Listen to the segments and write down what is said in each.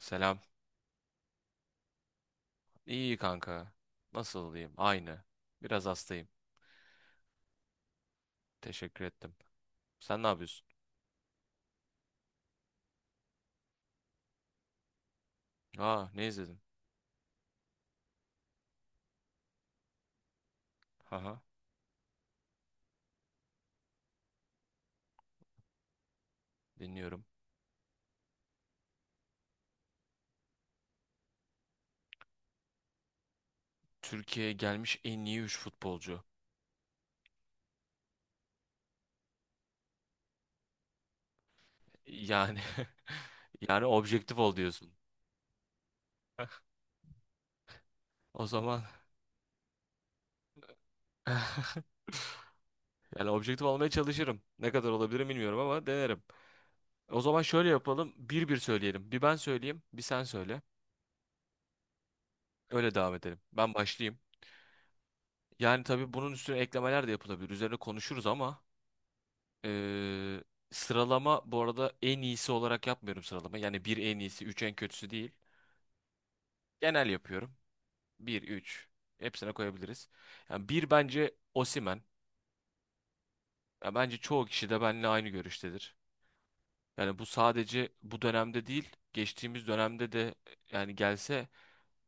Selam. İyi kanka. Nasıl olayım? Aynı. Biraz hastayım. Teşekkür ettim. Sen ne yapıyorsun? Aa, ne izledin? Haha, dinliyorum. Türkiye'ye gelmiş en iyi 3 futbolcu. Yani yani objektif ol diyorsun. O zaman yani objektif olmaya çalışırım. Ne kadar olabilirim bilmiyorum ama denerim. O zaman şöyle yapalım. Bir bir söyleyelim. Bir ben söyleyeyim, bir sen söyle. Öyle devam edelim. Ben başlayayım. Yani tabii bunun üstüne eklemeler de yapılabilir. Üzerine konuşuruz ama Ee, sıralama bu arada en iyisi olarak yapmıyorum sıralama. Yani bir en iyisi, üç en kötüsü değil. Genel yapıyorum. Bir, üç. Hepsine koyabiliriz. Yani bir bence Osimhen. Ya bence çoğu kişi de benimle aynı görüştedir. Yani bu sadece bu dönemde değil, geçtiğimiz dönemde de yani gelse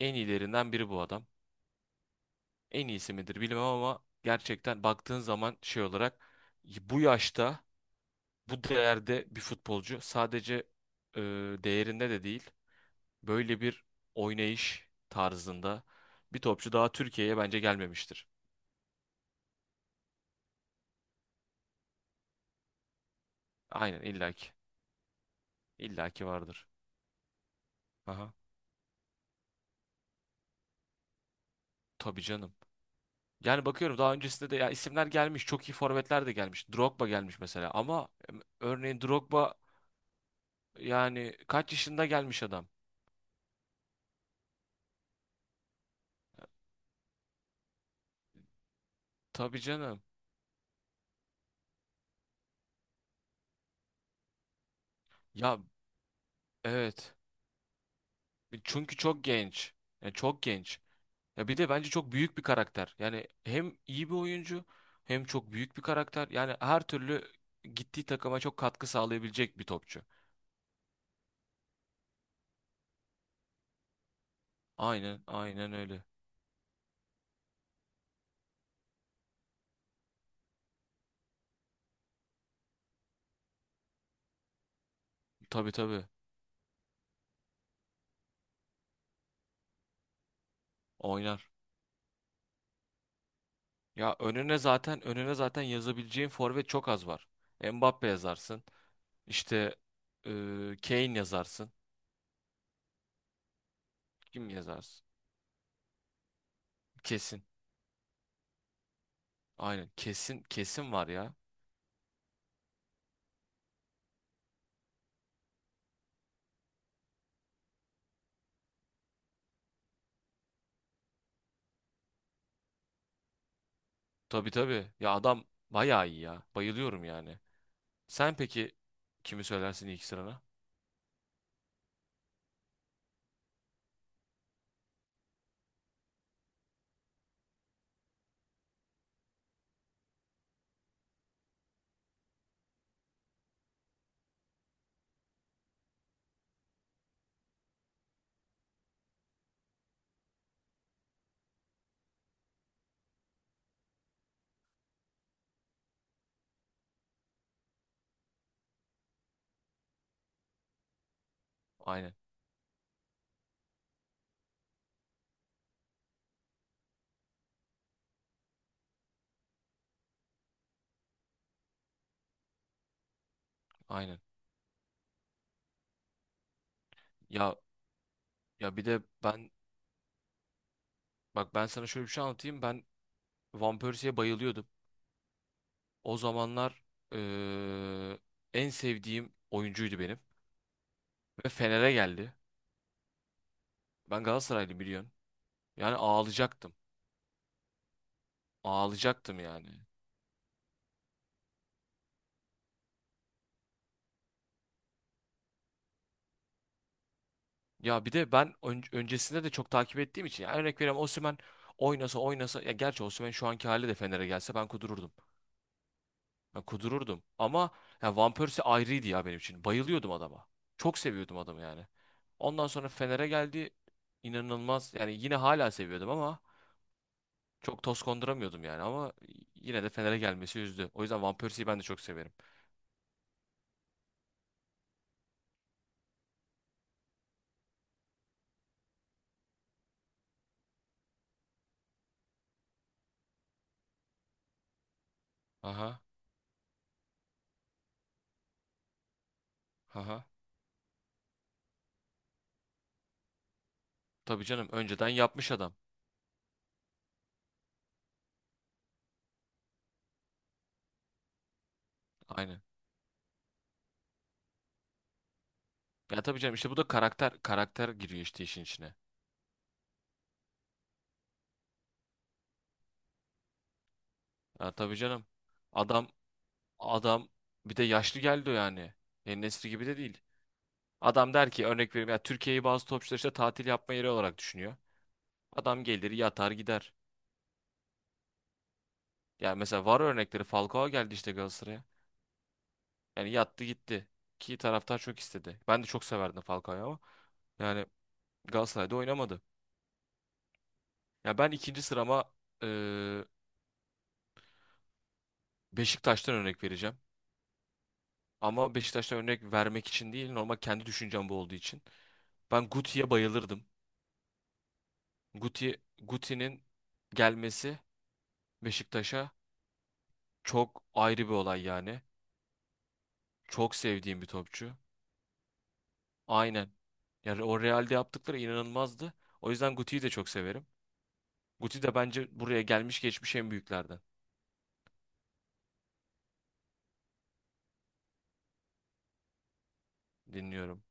en iyilerinden biri bu adam. En iyisi midir bilmem ama gerçekten baktığın zaman şey olarak bu yaşta bu değerde bir futbolcu sadece e, değerinde de değil. Böyle bir oynayış tarzında bir topçu daha Türkiye'ye bence gelmemiştir. Aynen illaki. İllaki vardır. Aha. Tabii canım. Yani bakıyorum daha öncesinde de ya isimler gelmiş. Çok iyi forvetler de gelmiş. Drogba gelmiş mesela ama örneğin Drogba yani kaç yaşında gelmiş adam? Tabii canım. Ya evet. Çünkü çok genç. Yani çok genç. Ya bir de bence çok büyük bir karakter. Yani hem iyi bir oyuncu hem çok büyük bir karakter. Yani her türlü gittiği takıma çok katkı sağlayabilecek bir topçu. Aynen, aynen öyle. Tabii tabii. Oynar. Ya önüne zaten yazabileceğin forvet çok az var. Mbappe yazarsın. İşte e, Kane yazarsın. Kim yazarsın? Kesin. Aynen. Kesin kesin var ya. Tabii tabii. Ya adam bayağı iyi ya. Bayılıyorum yani. Sen peki kimi söylersin ilk sırana? Aynen. Aynen. Ya ya bir de ben bak ben sana şöyle bir şey anlatayım. Ben Van Persie'ye bayılıyordum. O zamanlar eee, en sevdiğim oyuncuydu benim. Ve Fener'e geldi. Ben Galatasaraylı biliyorsun. Yani ağlayacaktım. Ağlayacaktım yani. Ya bir de ben öncesinde de çok takip ettiğim için. Yani örnek veriyorum Osimhen oynasa oynasa. Ya gerçi Osimhen şu anki hali de Fener'e gelse ben kudururdum. Ben kudururdum. Ama ya Van Persie ayrıydı ya benim için. Bayılıyordum adama. Çok seviyordum adamı yani. Ondan sonra Fener'e geldi. İnanılmaz. Yani yine hala seviyordum ama çok toz konduramıyordum yani. Ama yine de Fener'e gelmesi üzdü. O yüzden Van Persie'yi ben de çok severim. Aha, aha. Tabii canım önceden yapmış adam. Aynen. Ya tabii canım işte bu da karakter karakter giriyor işte işin içine. Ya tabii canım. Adam adam bir de yaşlı geldi o yani. En Nesri gibi de değil. Adam der ki örnek veriyorum ya Türkiye'yi bazı topçular işte tatil yapma yeri olarak düşünüyor. Adam gelir yatar gider. Yani mesela var örnekleri Falcao geldi işte Galatasaray'a. Yani yattı gitti. Ki taraftar çok istedi. Ben de çok severdim Falcao'yu ama yani Galatasaray'da oynamadı. Ya ben ikinci sırama eee, Beşiktaş'tan örnek vereceğim. Ama Beşiktaş'tan örnek vermek için değil normal kendi düşüncem bu olduğu için. Ben Guti'ye bayılırdım. Guti'nin gelmesi Beşiktaş'a çok ayrı bir olay yani. Çok sevdiğim bir topçu. Aynen. Yani o Real'de yaptıkları inanılmazdı. O yüzden Guti'yi de çok severim. Guti de bence buraya gelmiş geçmiş en büyüklerden. Dinliyorum.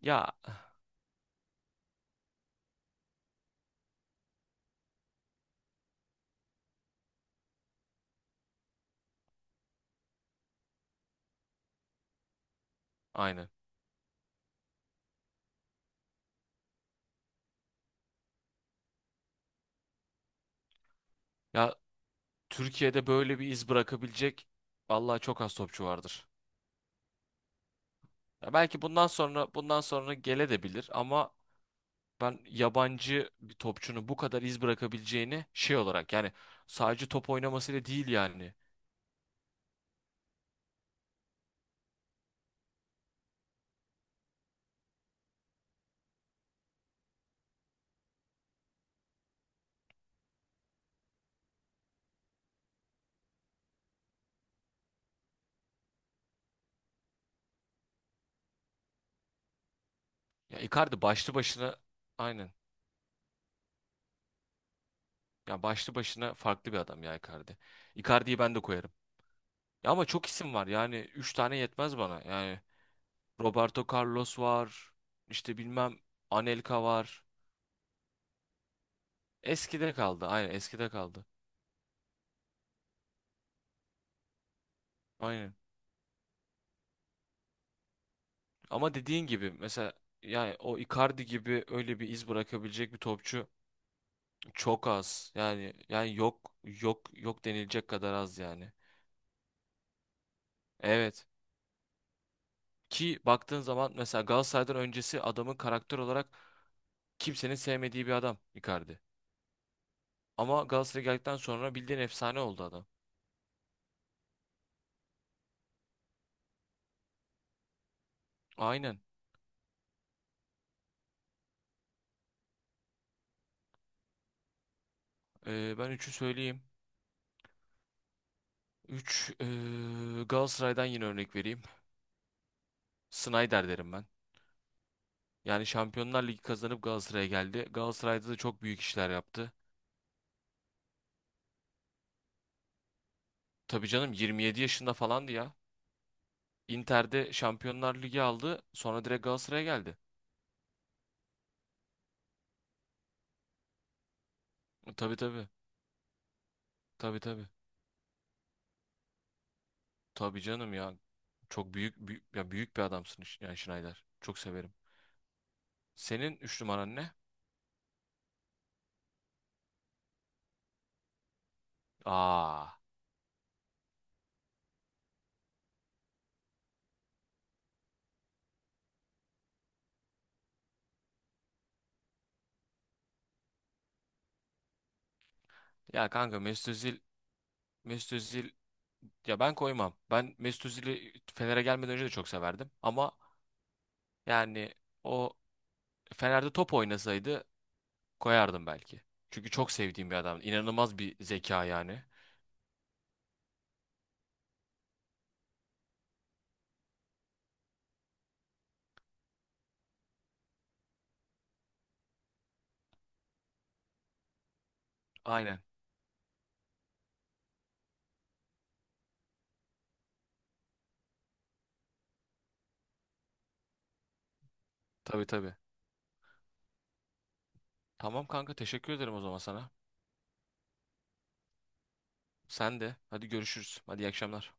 Ya aynen. Ya Türkiye'de böyle bir iz bırakabilecek vallahi çok az topçu vardır. Ya belki bundan sonra gele de bilir ama ben yabancı bir topçunun bu kadar iz bırakabileceğini şey olarak yani sadece top oynamasıyla değil yani. Ya Icardi başlı başına aynen. Ya başlı başına farklı bir adam ya Icardi. Icardi'yi ben de koyarım. Ya ama çok isim var yani 3 tane yetmez bana. Yani Roberto Carlos var. İşte bilmem Anelka var. Eskide kaldı. Aynen eskide kaldı. Aynen. Ama dediğin gibi mesela yani o Icardi gibi öyle bir iz bırakabilecek bir topçu çok az. Yani yok yok yok denilecek kadar az yani. Evet. Ki baktığın zaman mesela Galatasaray'dan öncesi adamın karakter olarak kimsenin sevmediği bir adam Icardi. Ama Galatasaray geldikten sonra bildiğin efsane oldu adam. Aynen. Ben üçü söyleyeyim. 3 Galatasaray'dan yine örnek vereyim. Snyder derim ben. Yani Şampiyonlar Ligi kazanıp Galatasaray'a geldi. Galatasaray'da da çok büyük işler yaptı. Tabii canım 27 yaşında falandı ya. Inter'de Şampiyonlar Ligi aldı. Sonra direkt Galatasaray'a geldi. Tabii tabii. Tabii tabii. Tabii canım ya. Çok büyük, büyük ya büyük bir adamsın yani Snyder. Çok severim. Senin 3 numaran ne? Aa. Ya kanka Mesut Özil ya ben koymam. Ben Mesut Özil'i Fener'e gelmeden önce de çok severdim. Ama yani o Fener'de top oynasaydı koyardım belki. Çünkü çok sevdiğim bir adam. İnanılmaz bir zeka yani. Aynen. Tabii tabii. Tamam kanka teşekkür ederim o zaman sana. Sen de. Hadi görüşürüz. Hadi iyi akşamlar.